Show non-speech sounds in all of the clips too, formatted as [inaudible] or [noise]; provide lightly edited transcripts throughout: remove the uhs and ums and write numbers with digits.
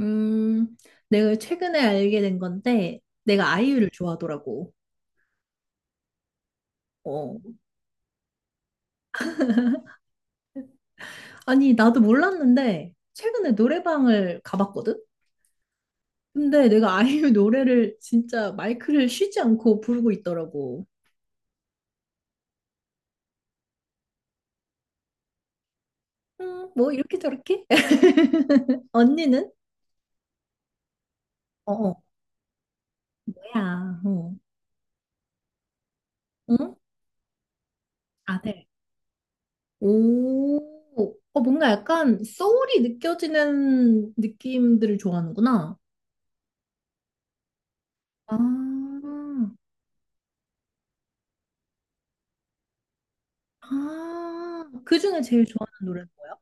음, 내가 최근에 알게 된 건데, 내가 아이유를 좋아하더라고. 어. 아니, 나도 몰랐는데, 최근에 노래방을 가봤거든? 근데 내가 아이유 [laughs] 노래를 진짜 마이크를 쉬지 않고 부르고 있더라고. 뭐, 이렇게 저렇게? [laughs] 언니는? 어, 어, 뭐야, 어. 응? 아들. 오, 뭔가 약간 소울이 느껴지는 느낌들을 좋아하는구나. 아, 아, 그 중에 제일 좋아하는 노래는 뭐야?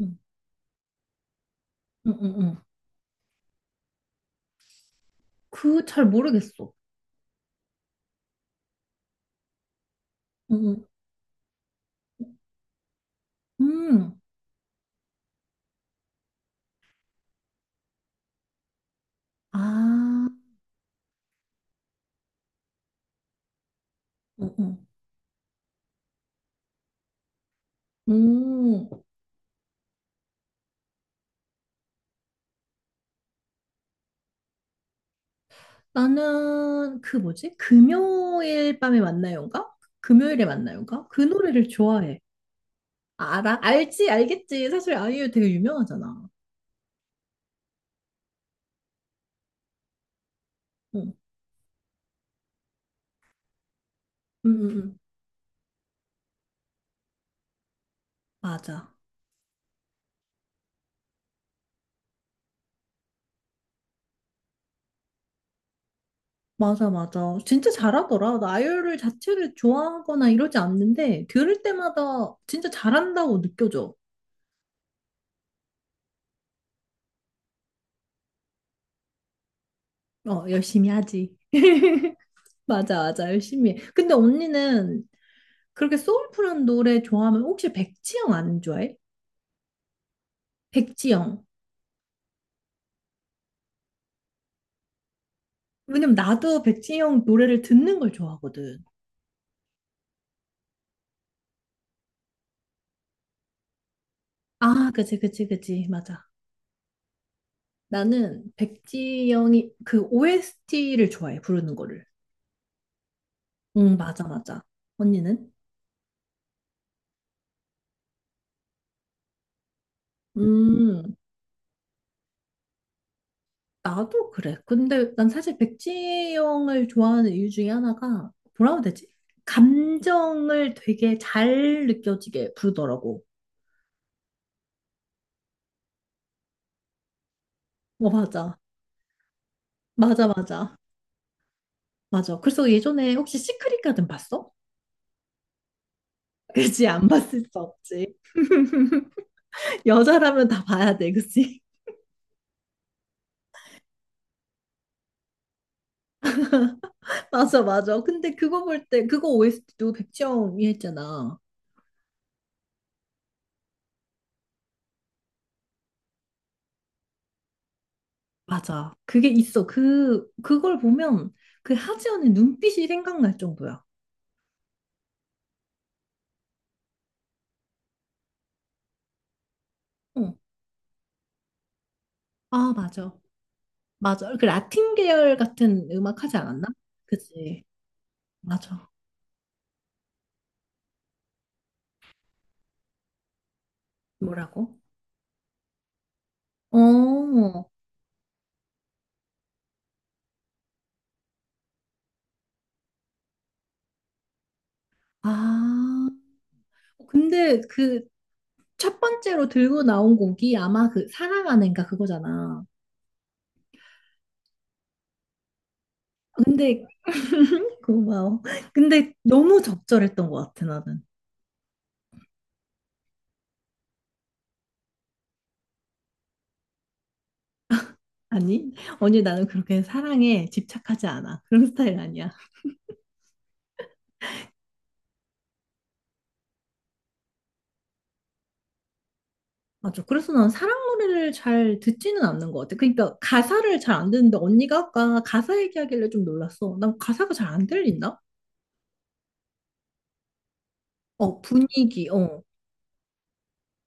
응, 응, 응, 응, 그 잘 모르겠어. 응, 응, 아, 응, 응. 음, 나는 그 뭐지? 금요일 밤에 만나요인가? 금요일에 만나요인가? 그 노래를 좋아해. 아, 알아? 알지? 알겠지? 사실 아이유 되게 유명하잖아. 응, 응, 응, 응. 맞아. 맞아, 맞아. 진짜 잘하더라. 나 아이유를 자체를 좋아하거나 이러지 않는데 들을 때마다 진짜 잘한다고 느껴져. 어, 열심히 하지. 맞아, 맞아, 열심히 해. 근데 언니는 그렇게 소울풀한 노래 좋아하면 혹시 백지영 안 좋아해? 백지영. 왜냐면 나도 백지영 노래를 듣는 걸 좋아하거든. 아, 그치, 그치, 그치. 맞아. 나는 백지영이 그 OST를 좋아해, 부르는 거를. 응, 맞아, 맞아. 언니는? 음. 나도 그래. 근데 난 사실 백지영을 좋아하는 이유 중에 하나가 뭐라고 해야 되지? 감정을 되게 잘 느껴지게 부르더라고. 어, 맞아. 맞아, 맞아. 맞아. 그래서 예전에 혹시 시크릿 가든 봤어? [laughs] 그치, 안 봤을 수 없지. [laughs] 여자라면 다 봐야 돼, 그치? [laughs] 맞아, 맞아. 근데 그거 볼 때, 그거 OST도 백지영이 했잖아. 맞아. 그게 있어. 그걸 보면 그 하지연의 눈빛이 생각날 정도야. 어. 아, 맞아. 맞아. 그 라틴 계열 같은 음악 하지 않았나? 그치. 맞아. 뭐라고? 어, 아. 어, 근데 그 첫 번째로 들고 나온 곡이 아마 그 사랑하는가 그거잖아. 근데, [laughs] 고마워. 근데 너무 적절했던 것 같아, 나는. 아니, 언니 나는 그렇게 사랑에 집착하지 않아. 그런 스타일 아니야. 맞아. 그래서 난 사랑 노래를 잘 듣지는 않는 것 같아. 그러니까 가사를 잘 안 듣는데 언니가 아까 가사 얘기하길래 좀 놀랐어. 난 가사가 잘 안 들린다? 어, 분위기, 어.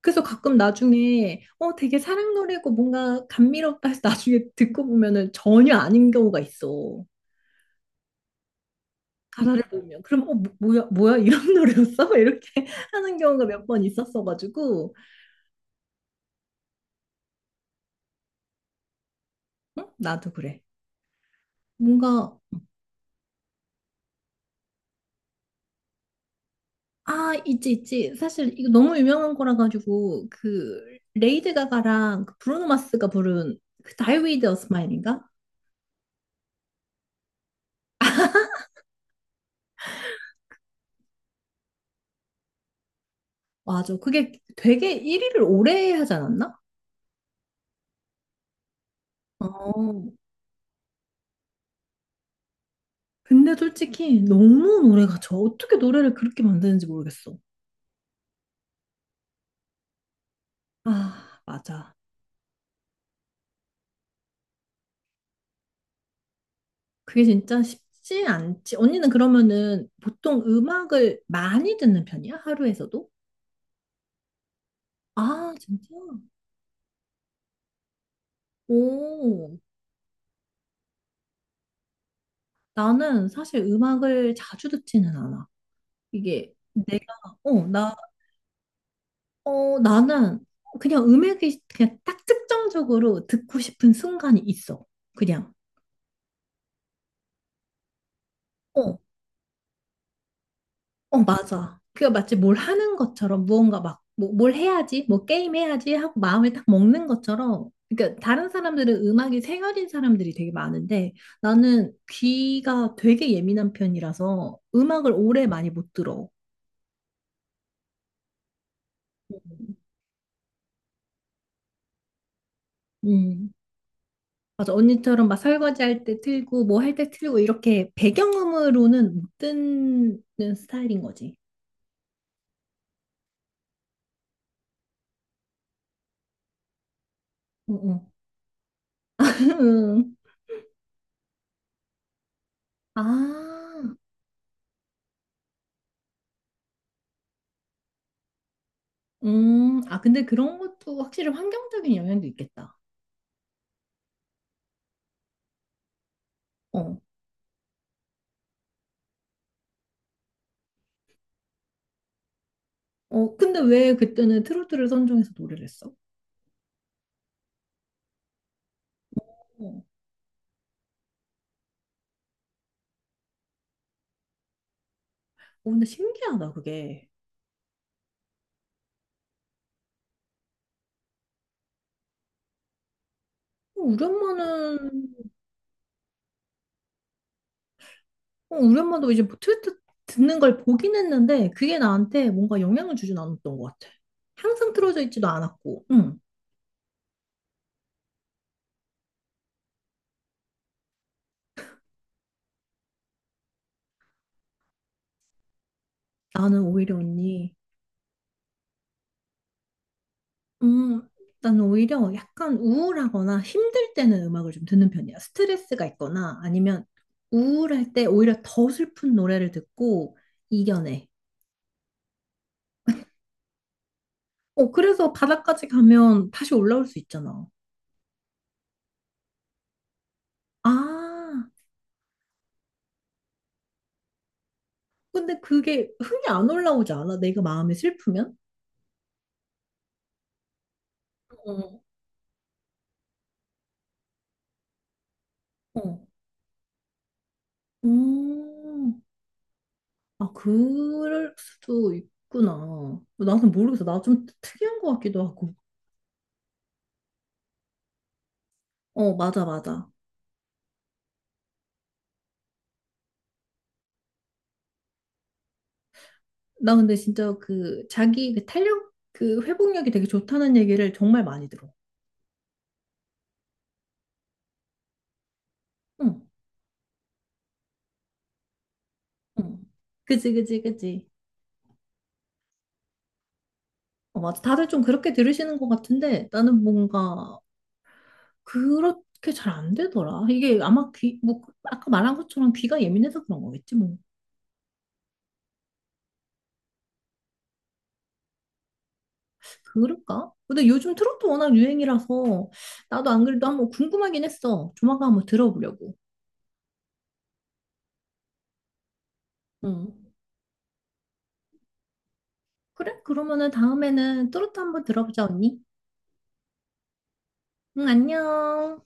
그래서 가끔 나중에 어, 되게 사랑 노래고 뭔가 감미롭다 해서 나중에 듣고 보면은 전혀 아닌 경우가 있어. 가사를 보면. 그럼 어, 뭐, 뭐야, 이런 [laughs] 노래였어? 이렇게 하는 경우가 몇 번 있었어가지고. 응? 나도 그래. 뭔가 아, 있지, 있지. 사실 이거 너무 유명한 거라 가지고 그 레이드 가가랑 그 브루노 마스가 부른 그 Die With a Smile인가? 맞아. 그게 되게 1위를 오래 하지 않았나? 어. 근데 솔직히 너무 노래가 저 어떻게 노래를 그렇게 만드는지 모르겠어. 아, 맞아. 그게 진짜 쉽지 않지. 언니는 그러면은 보통 음악을 많이 듣는 편이야? 하루에서도? 아, 진짜? 오. 나는 사실 음악을 자주 듣지는 않아. 이게 내가 어, 나, 어, 나는 그냥 음악이 그냥 딱 특정적으로 듣고 싶은 순간이 있어. 그냥. 어, 어, 맞아. 그게 마치 뭘 하는 것처럼 무언가 막 뭐, 뭘 해야지, 뭐 게임 해야지 하고 마음에 딱 먹는 것처럼. 그러니까 다른 사람들은 음악이 생활인 사람들이 되게 많은데 나는 귀가 되게 예민한 편이라서 음악을 오래 많이 못 들어. 음. 맞아. 언니처럼 막 설거지할 때 틀고 뭐 할 때 틀고 이렇게 배경음으로는 못 듣는 스타일인 거지. 응, 응. [laughs] 아, 아, 근데 그런 것도 확실히 환경적인 영향도 있겠다. 어, 어, 근데 왜 그때는 트로트를 선정해서 노래를 했어? 어, 어, 근데 신기하다, 그게. 어, 우리 엄마는, 어, 우리 엄마도 이제 뭐 트로트 듣는 걸 보긴 했는데, 그게 나한테 뭔가 영향을 주진 않았던 것 같아. 항상 틀어져 있지도 않았고, 응. 나는 오히려 언니, 음, 나는 오히려 약간 우울하거나 힘들 때는 음악을 좀 듣는 편이야. 스트레스가 있거나 아니면 우울할 때 오히려 더 슬픈 노래를 듣고 이겨내. 어, 그래서 바닥까지 가면 다시 올라올 수 있잖아. 아, 근데 그게 흥이 안 올라오지 않아? 내가 마음이 슬프면? 어, 어. 음, 아, 그럴 수도 있구나. 나는 모르겠어. 나 좀 특이한 것 같기도 하고. 어, 맞아, 맞아. 나 근데 진짜 그 자기 그 탄력 그 회복력이 되게 좋다는 얘기를 정말 많이 들어. 응, 응. 그지, 그지, 그지. 어, 맞아. 다들 좀 그렇게 들으시는 것 같은데 나는 뭔가 그렇게 잘 안 되더라. 이게 아마 귀, 뭐 그, 아까 말한 것처럼 귀가 예민해서 그런 거겠지 뭐. 그럴까? 근데 요즘 트로트 워낙 유행이라서 나도 안 그래도 한번 궁금하긴 했어. 조만간 한번 들어보려고. 응. 그래? 그러면은 다음에는 트로트 한번 들어보자, 언니. 응, 안녕.